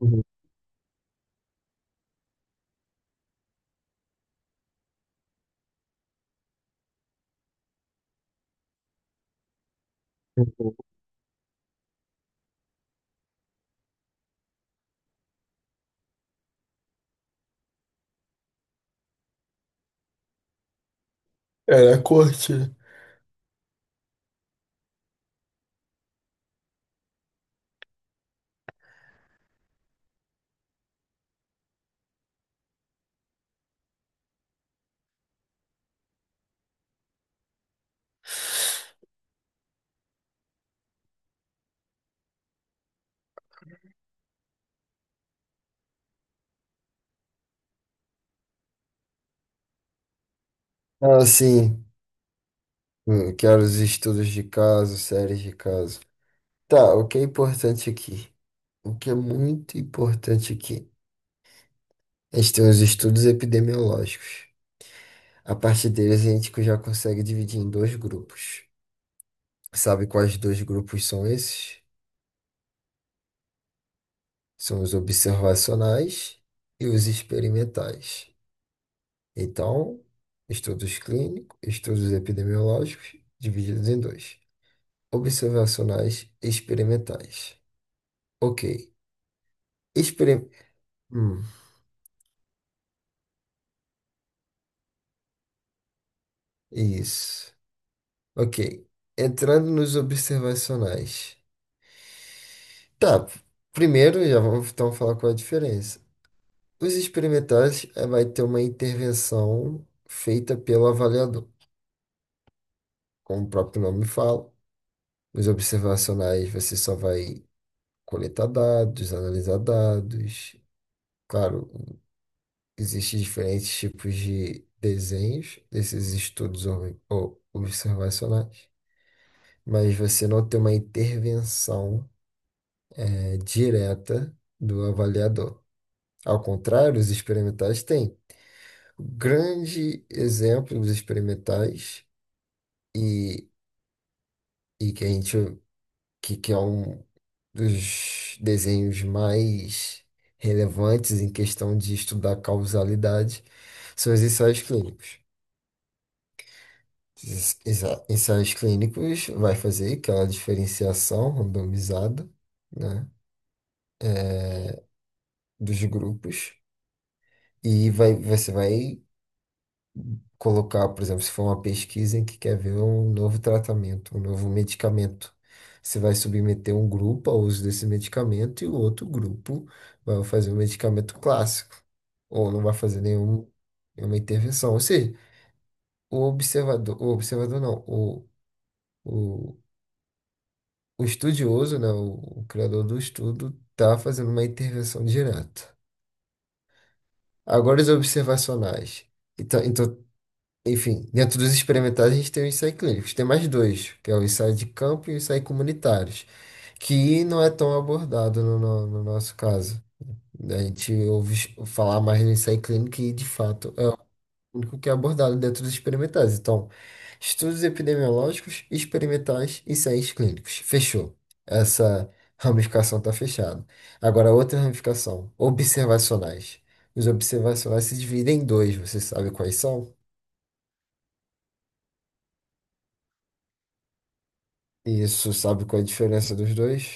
Uhum, uhum. Era corte. Ah, sim. Eu quero os estudos de caso, séries de caso. Tá, o que é importante aqui? O que é muito importante aqui? A gente tem os estudos epidemiológicos. A partir deles, a gente já consegue dividir em dois grupos. Sabe quais dois grupos são esses? São os observacionais e os experimentais. Então, estudos clínicos, estudos epidemiológicos, divididos em dois. Observacionais experimentais. Ok. Experim... Hum, isso. Ok. Entrando nos observacionais. Tá. Primeiro, já vamos então falar qual é a diferença. Os experimentais vai ter uma intervenção feita pelo avaliador, como o próprio nome fala. Os observacionais, você só vai coletar dados, analisar dados. Claro, existem diferentes tipos de desenhos desses estudos observacionais, mas você não tem uma intervenção direta do avaliador. Ao contrário, os experimentais têm. O grande exemplo dos experimentais e, e que a gente que é um dos desenhos mais relevantes em questão de estudar causalidade são os ensaios clínicos. Ensaios clínicos vai fazer aquela diferenciação randomizada, né, dos grupos e você vai colocar, por exemplo, se for uma pesquisa em que quer ver um novo tratamento, um novo medicamento, você vai submeter um grupo ao uso desse medicamento e o outro grupo vai fazer o medicamento clássico ou não vai fazer nenhum, nenhuma intervenção. Ou seja, o observador não, o, o estudioso, né, o criador do estudo, está fazendo uma intervenção direta. Agora, os observacionais. Então, enfim, dentro dos experimentais, a gente tem o ensaio clínico. Tem mais dois, que é o ensaio de campo e o ensaio comunitários, que não é tão abordado no nosso caso. Né? A gente ouve falar mais do ensaio clínico e, de fato, único que é abordado dentro dos experimentais. Então, estudos epidemiológicos, experimentais e ensaios clínicos. Fechou. Essa ramificação está fechada. Agora, outra ramificação, observacionais. Os observacionais se dividem em dois, você sabe quais são? Isso, sabe qual é a diferença dos dois?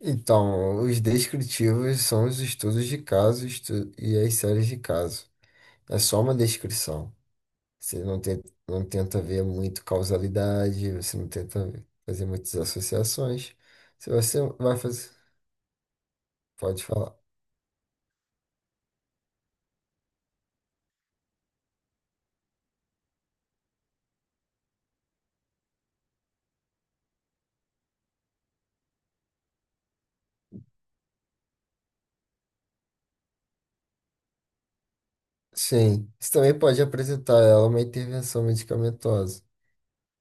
Então, os descritivos são os estudos de caso e as séries de caso. É só uma descrição. Você não tenta ver muito causalidade, você não tenta fazer muitas associações. Se você vai fazer, pode falar. Sim, você também pode apresentar a ela uma intervenção medicamentosa.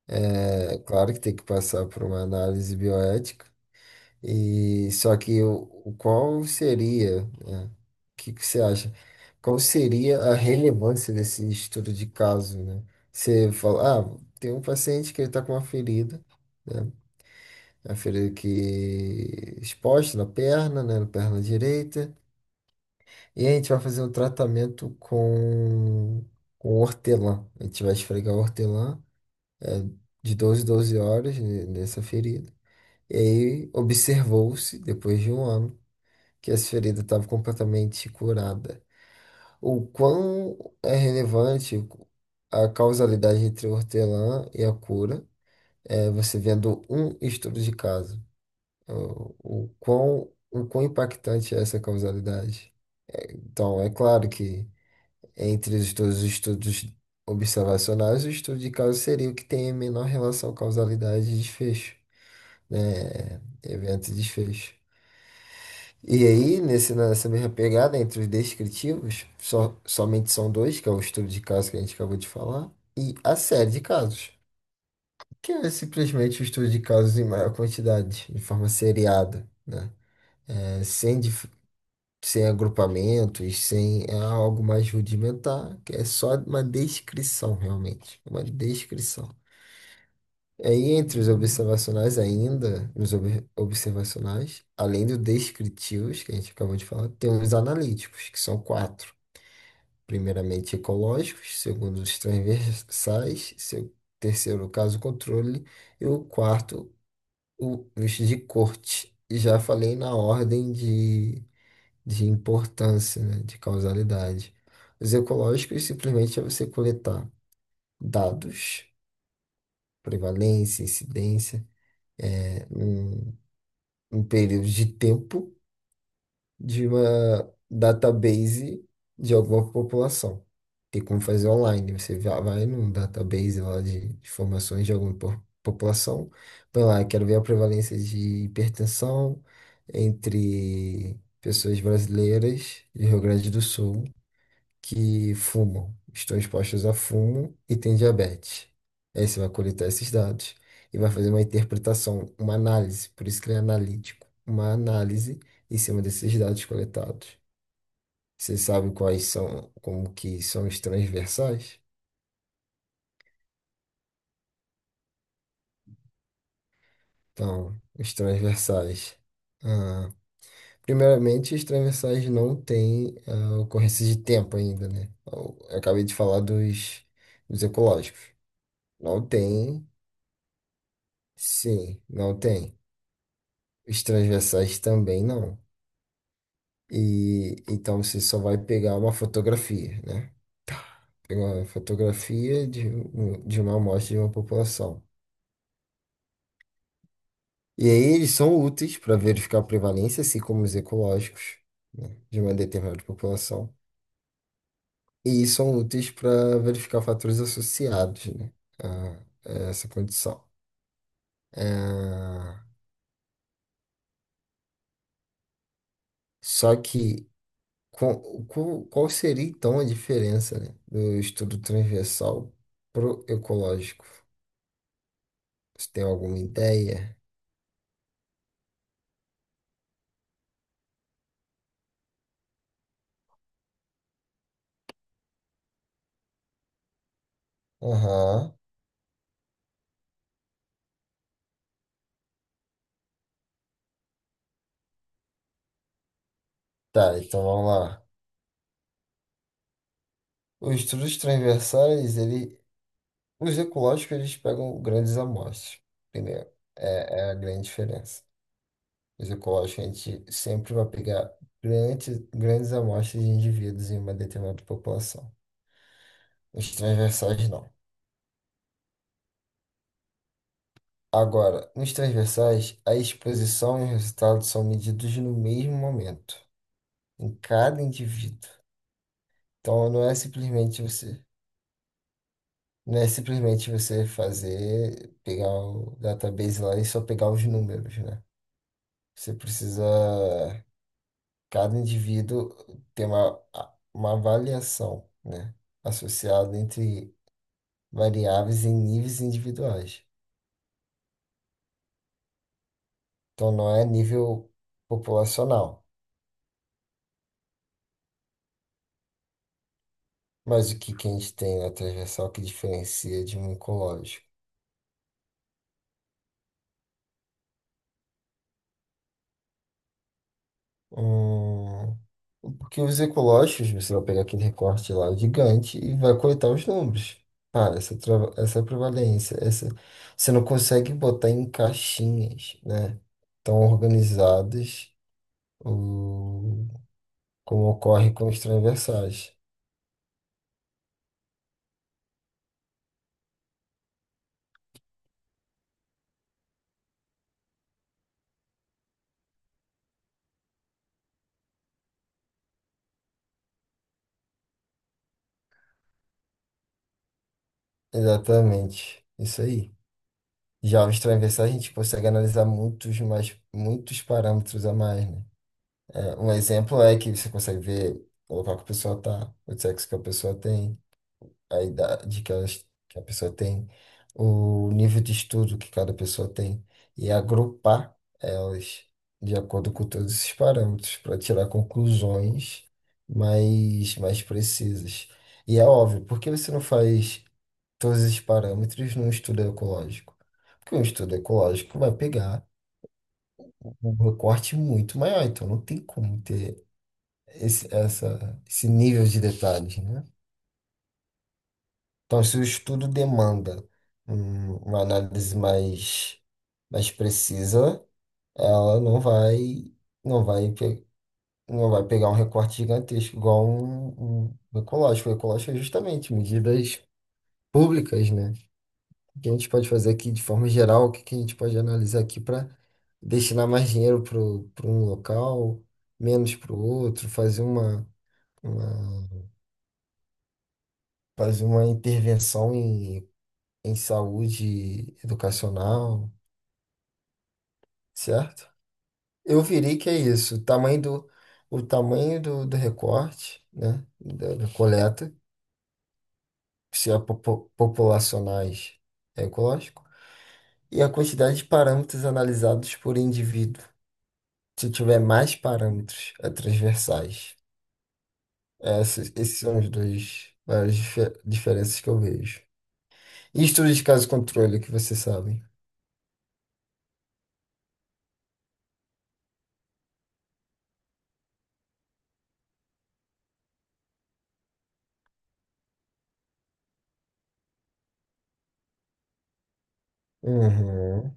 É claro que tem que passar por uma análise bioética, e só que o qual seria, né? O que que você acha? Qual seria a relevância desse estudo de caso, né? Você fala, ah, tem um paciente que ele está com uma ferida. Né? A ferida aqui exposta na perna, né? Na perna direita. E a gente vai fazer um tratamento com hortelã. A gente vai esfregar hortelã é, de 12 em 12 horas nessa ferida. E aí observou-se, depois de um ano, que essa ferida estava completamente curada. O quão é relevante a causalidade entre o hortelã e a cura, você vendo um estudo de caso. o, o quão impactante é essa causalidade. Então, é claro que entre os todos os estudos observacionais, o estudo de caso seria o que tem a menor relação causalidade e desfecho, né? Evento e desfecho. E aí, nessa mesma pegada, entre os descritivos, somente são dois, que é o estudo de caso que a gente acabou de falar, e a série de casos, que é simplesmente o estudo de casos em maior quantidade, de forma seriada, né? É, sem, dif- sem agrupamentos, sem é algo mais rudimentar, que é só uma descrição, realmente, uma descrição. Aí, entre os observacionais ainda, nos observacionais, além dos descritivos, que a gente acabou de falar, tem os analíticos, que são quatro. Primeiramente, ecológicos, segundo, os transversais, seu, terceiro, caso controle, e o quarto, os de corte. E já falei na ordem de importância, né, de causalidade. Os ecológicos simplesmente é você coletar dados, prevalência, incidência, né, um período de tempo de uma database de alguma população. Tem como fazer online, você vai num database lá de informações de alguma população, vai lá, quero ver a prevalência de hipertensão entre pessoas brasileiras do Rio Grande do Sul, que fumam, estão expostos a fumo e têm diabetes. Aí você vai coletar esses dados e vai fazer uma interpretação, uma análise, por isso que ele é analítico, uma análise em cima desses dados coletados. Você sabe quais são, como que são os transversais? Então, os transversais. Ah, primeiramente, os transversais não têm, ah, ocorrência de tempo ainda, né? Eu acabei de falar dos, ecológicos. Não tem, sim, não tem. Os transversais também não. E então você só vai pegar uma fotografia, né? Pegar uma fotografia de uma amostra de uma população. E aí eles são úteis para verificar a prevalência, assim como os ecológicos, né? De uma determinada população. E são úteis para verificar fatores associados, né? A, a essa condição. Ah, só que qual seria então a diferença, né, do estudo transversal pro ecológico? Você tem alguma ideia? Aham. Tá, então vamos lá. Os estudos transversais, ele, os ecológicos, eles pegam grandes amostras. Primeiro, é a grande diferença. Os ecológicos, a gente sempre vai pegar grandes, grandes amostras de indivíduos em uma determinada população. Os transversais, não. Agora, nos transversais, a exposição e os resultados são medidos no mesmo momento, em cada indivíduo. Então, não é simplesmente você. Não é simplesmente você fazer, pegar o database lá e só pegar os números, né? Você precisa, cada indivíduo ter uma avaliação, né? Associada entre variáveis em níveis individuais. Então não é nível populacional, mas o que, que a gente tem na transversal que diferencia de um ecológico? Porque os ecológicos, você vai pegar aquele recorte lá gigante e vai coletar os números. Cara, essa prevalência, essa, você não consegue botar em caixinhas, né? Tão organizadas, o, como ocorre com os transversais. Exatamente, isso aí. Já os transversais a gente consegue analisar muitos parâmetros a mais, né? É, um exemplo é que você consegue ver, colocar que a pessoa tá, o sexo que a pessoa tem, a idade que a pessoa tem, o nível de estudo que cada pessoa tem, e agrupar elas de acordo com todos esses parâmetros para tirar conclusões mais precisas. E é óbvio, por que você não faz todos esses parâmetros num estudo ecológico? Porque um estudo ecológico vai pegar um recorte muito maior, então não tem como ter esse nível de detalhes, né? Então, se o estudo demanda uma análise mais precisa, ela não vai, pe- não vai pegar um recorte gigantesco, igual um ecológico. O ecológico é justamente medidas públicas, né? O que a gente pode fazer aqui de forma geral, o que que a gente pode analisar aqui para destinar mais dinheiro para um local, menos para o outro, fazer uma, uma intervenção em saúde educacional. Certo? Eu virei que é isso, o tamanho do recorte, né, da coleta, se é populacionais, é ecológico, e a quantidade de parâmetros analisados por indivíduo. Se tiver mais parâmetros, é transversais. Esses são os dois as diferenças que eu vejo. E estudo de caso controle, que vocês sabem. Uhum.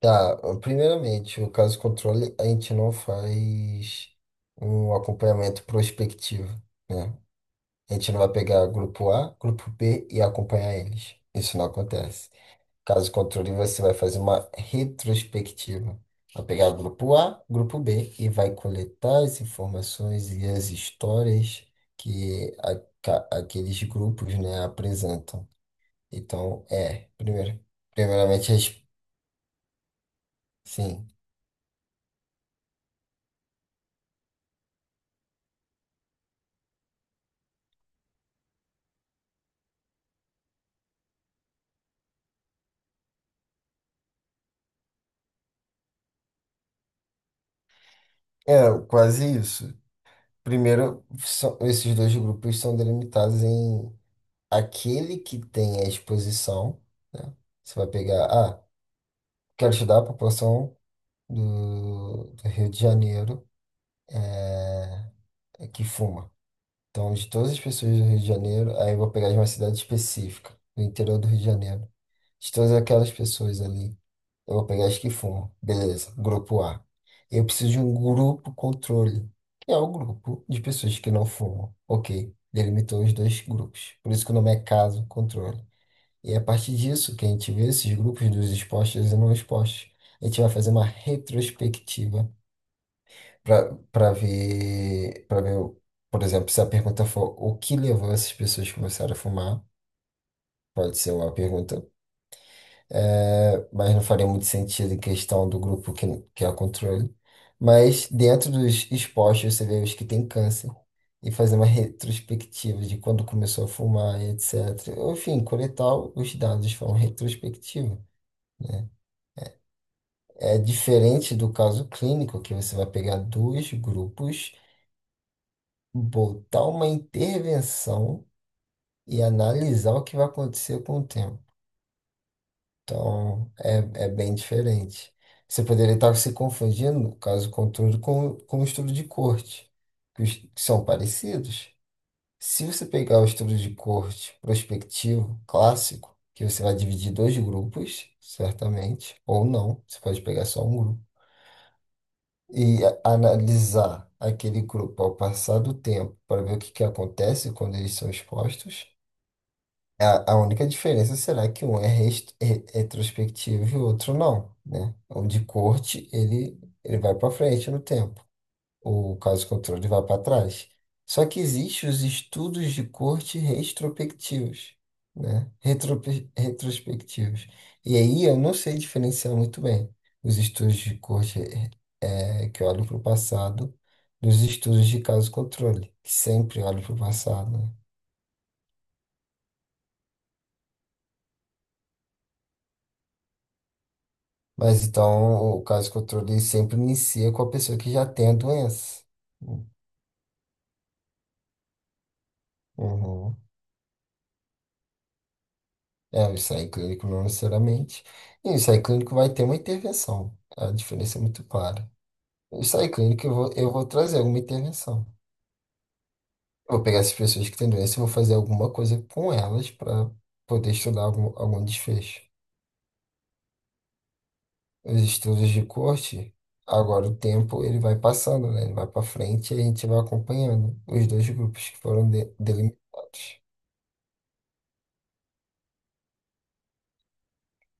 Tá, primeiramente, o caso controle, a gente não faz um acompanhamento prospectivo, né? A gente não vai pegar grupo A, grupo B e acompanhar eles. Isso não acontece. Caso controle, você vai fazer uma retrospectiva. Vai pegar grupo A, grupo B e vai coletar as informações e as histórias que aqueles grupos, né, apresentam. Então, primeiramente, sim, é quase isso. Primeiro, esses dois grupos são delimitados em aquele que tem a exposição, né? Você vai pegar, ah, quero estudar a população do Rio de Janeiro, que fuma. Então, de todas as pessoas do Rio de Janeiro, aí eu vou pegar de uma cidade específica, do interior do Rio de Janeiro, de todas aquelas pessoas ali. Eu vou pegar as que fumam. Beleza, grupo A. Eu preciso de um grupo controle, que é o grupo de pessoas que não fumam. Ok, delimitou os dois grupos. Por isso que o nome é caso controle. E é a partir disso, que a gente vê esses grupos dos expostos e não expostos, a gente vai fazer uma retrospectiva para ver, por exemplo, se a pergunta for o que levou essas pessoas a começar a fumar, pode ser uma pergunta, mas não faria muito sentido em questão do grupo que é o controle. Mas dentro dos expostos, você vê os que têm câncer e fazer uma retrospectiva de quando começou a fumar e etc. Enfim, coletar os dados de forma retrospectiva. É diferente do caso clínico, que você vai pegar dois grupos, botar uma intervenção e analisar o que vai acontecer com o tempo. Então, é bem diferente. Você poderia estar se confundindo, caso contrário, com o estudo de corte, que são parecidos. Se você pegar o estudo de corte prospectivo, clássico, que você vai dividir dois grupos, certamente, ou não, você pode pegar só um grupo, e analisar aquele grupo ao passar do tempo para ver o que acontece quando eles são expostos, A, a única diferença será que um é retrospectivo e o outro não, né? O de corte, ele vai para frente no tempo. O caso controle vai para trás. Só que existem os estudos de corte retrospectivos, né? Retrospectivos. E aí eu não sei diferenciar muito bem os estudos de corte que olham para o passado dos estudos de caso controle, que sempre olham para o passado, né? Mas então o caso de controle sempre inicia com a pessoa que já tem a doença. Uhum. É, o ensaio clínico não necessariamente. E o ensaio clínico vai ter uma intervenção. A diferença é muito clara. O ensaio clínico eu vou trazer alguma intervenção. Eu vou pegar essas pessoas que têm doença e vou fazer alguma coisa com elas para poder estudar algum desfecho. Os estudos de corte, agora o tempo ele vai passando, né? Ele vai para frente e a gente vai acompanhando os dois grupos que foram delimitados.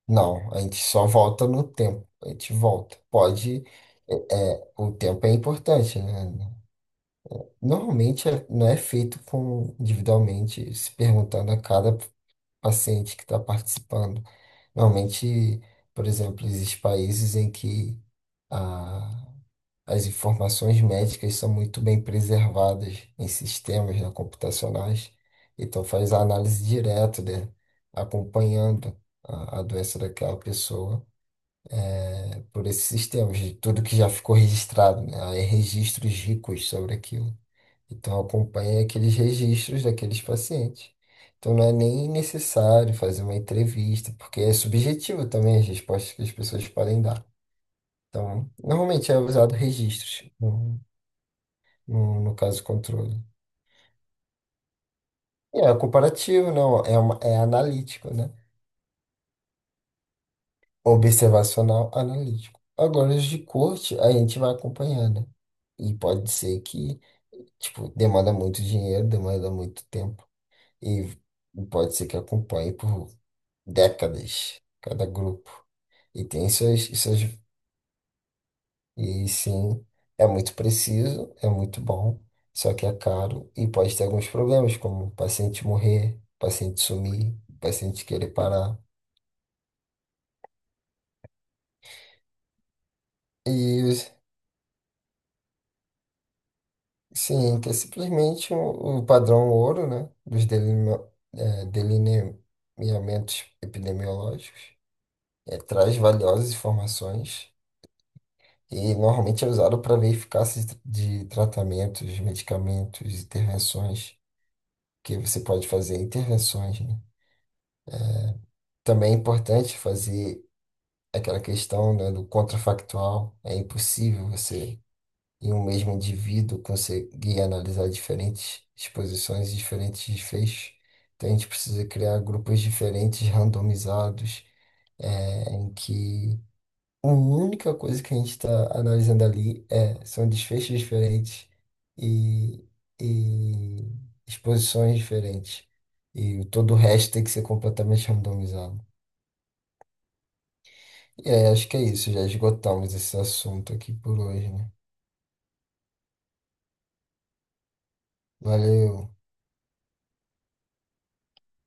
Não, a gente só volta no tempo. A gente volta. Pode. É, o tempo é importante, né? Normalmente não é feito com individualmente, se perguntando a cada paciente que está participando. Normalmente, por exemplo, existem países em que a- as informações médicas são muito bem preservadas em sistemas, né, computacionais. Então faz a análise direta, né? Acompanhando a doença daquela pessoa. É por esses sistemas, de tudo que já ficou registrado, né? Há registros ricos sobre aquilo. Então acompanha aqueles registros daqueles pacientes. Então não é nem necessário fazer uma entrevista, porque é subjetivo também as respostas que as pessoas podem dar. Então, normalmente é usado registros no caso controle. E é comparativo, não, é analítico, né? Observacional analítico. Agora, os de corte, a gente vai acompanhando. E pode ser que, tipo, demanda muito dinheiro, demanda muito tempo. E pode ser que acompanhe por décadas cada grupo. E tem suas... E sim, é muito preciso, é muito bom, só que é caro e pode ter alguns problemas, como o paciente morrer, paciente sumir, paciente querer parar. E os- Sim, que é simplesmente o padrão ouro, né? Dos eh, delineamentos epidemiológicos. Traz valiosas informações e normalmente é usado para ver eficácia de tratamentos, medicamentos, intervenções, que você pode fazer intervenções, né? Também é importante fazer aquela questão, né, do contrafactual. É impossível você e um mesmo indivíduo conseguir analisar diferentes exposições e diferentes desfechos. Então a gente precisa criar grupos diferentes, randomizados, é, em que a única coisa que a gente está analisando ali são desfechos diferentes e, e exposições diferentes. E todo o resto tem que ser completamente randomizado. E aí, acho que é isso, já esgotamos esse assunto aqui por hoje, né? Valeu.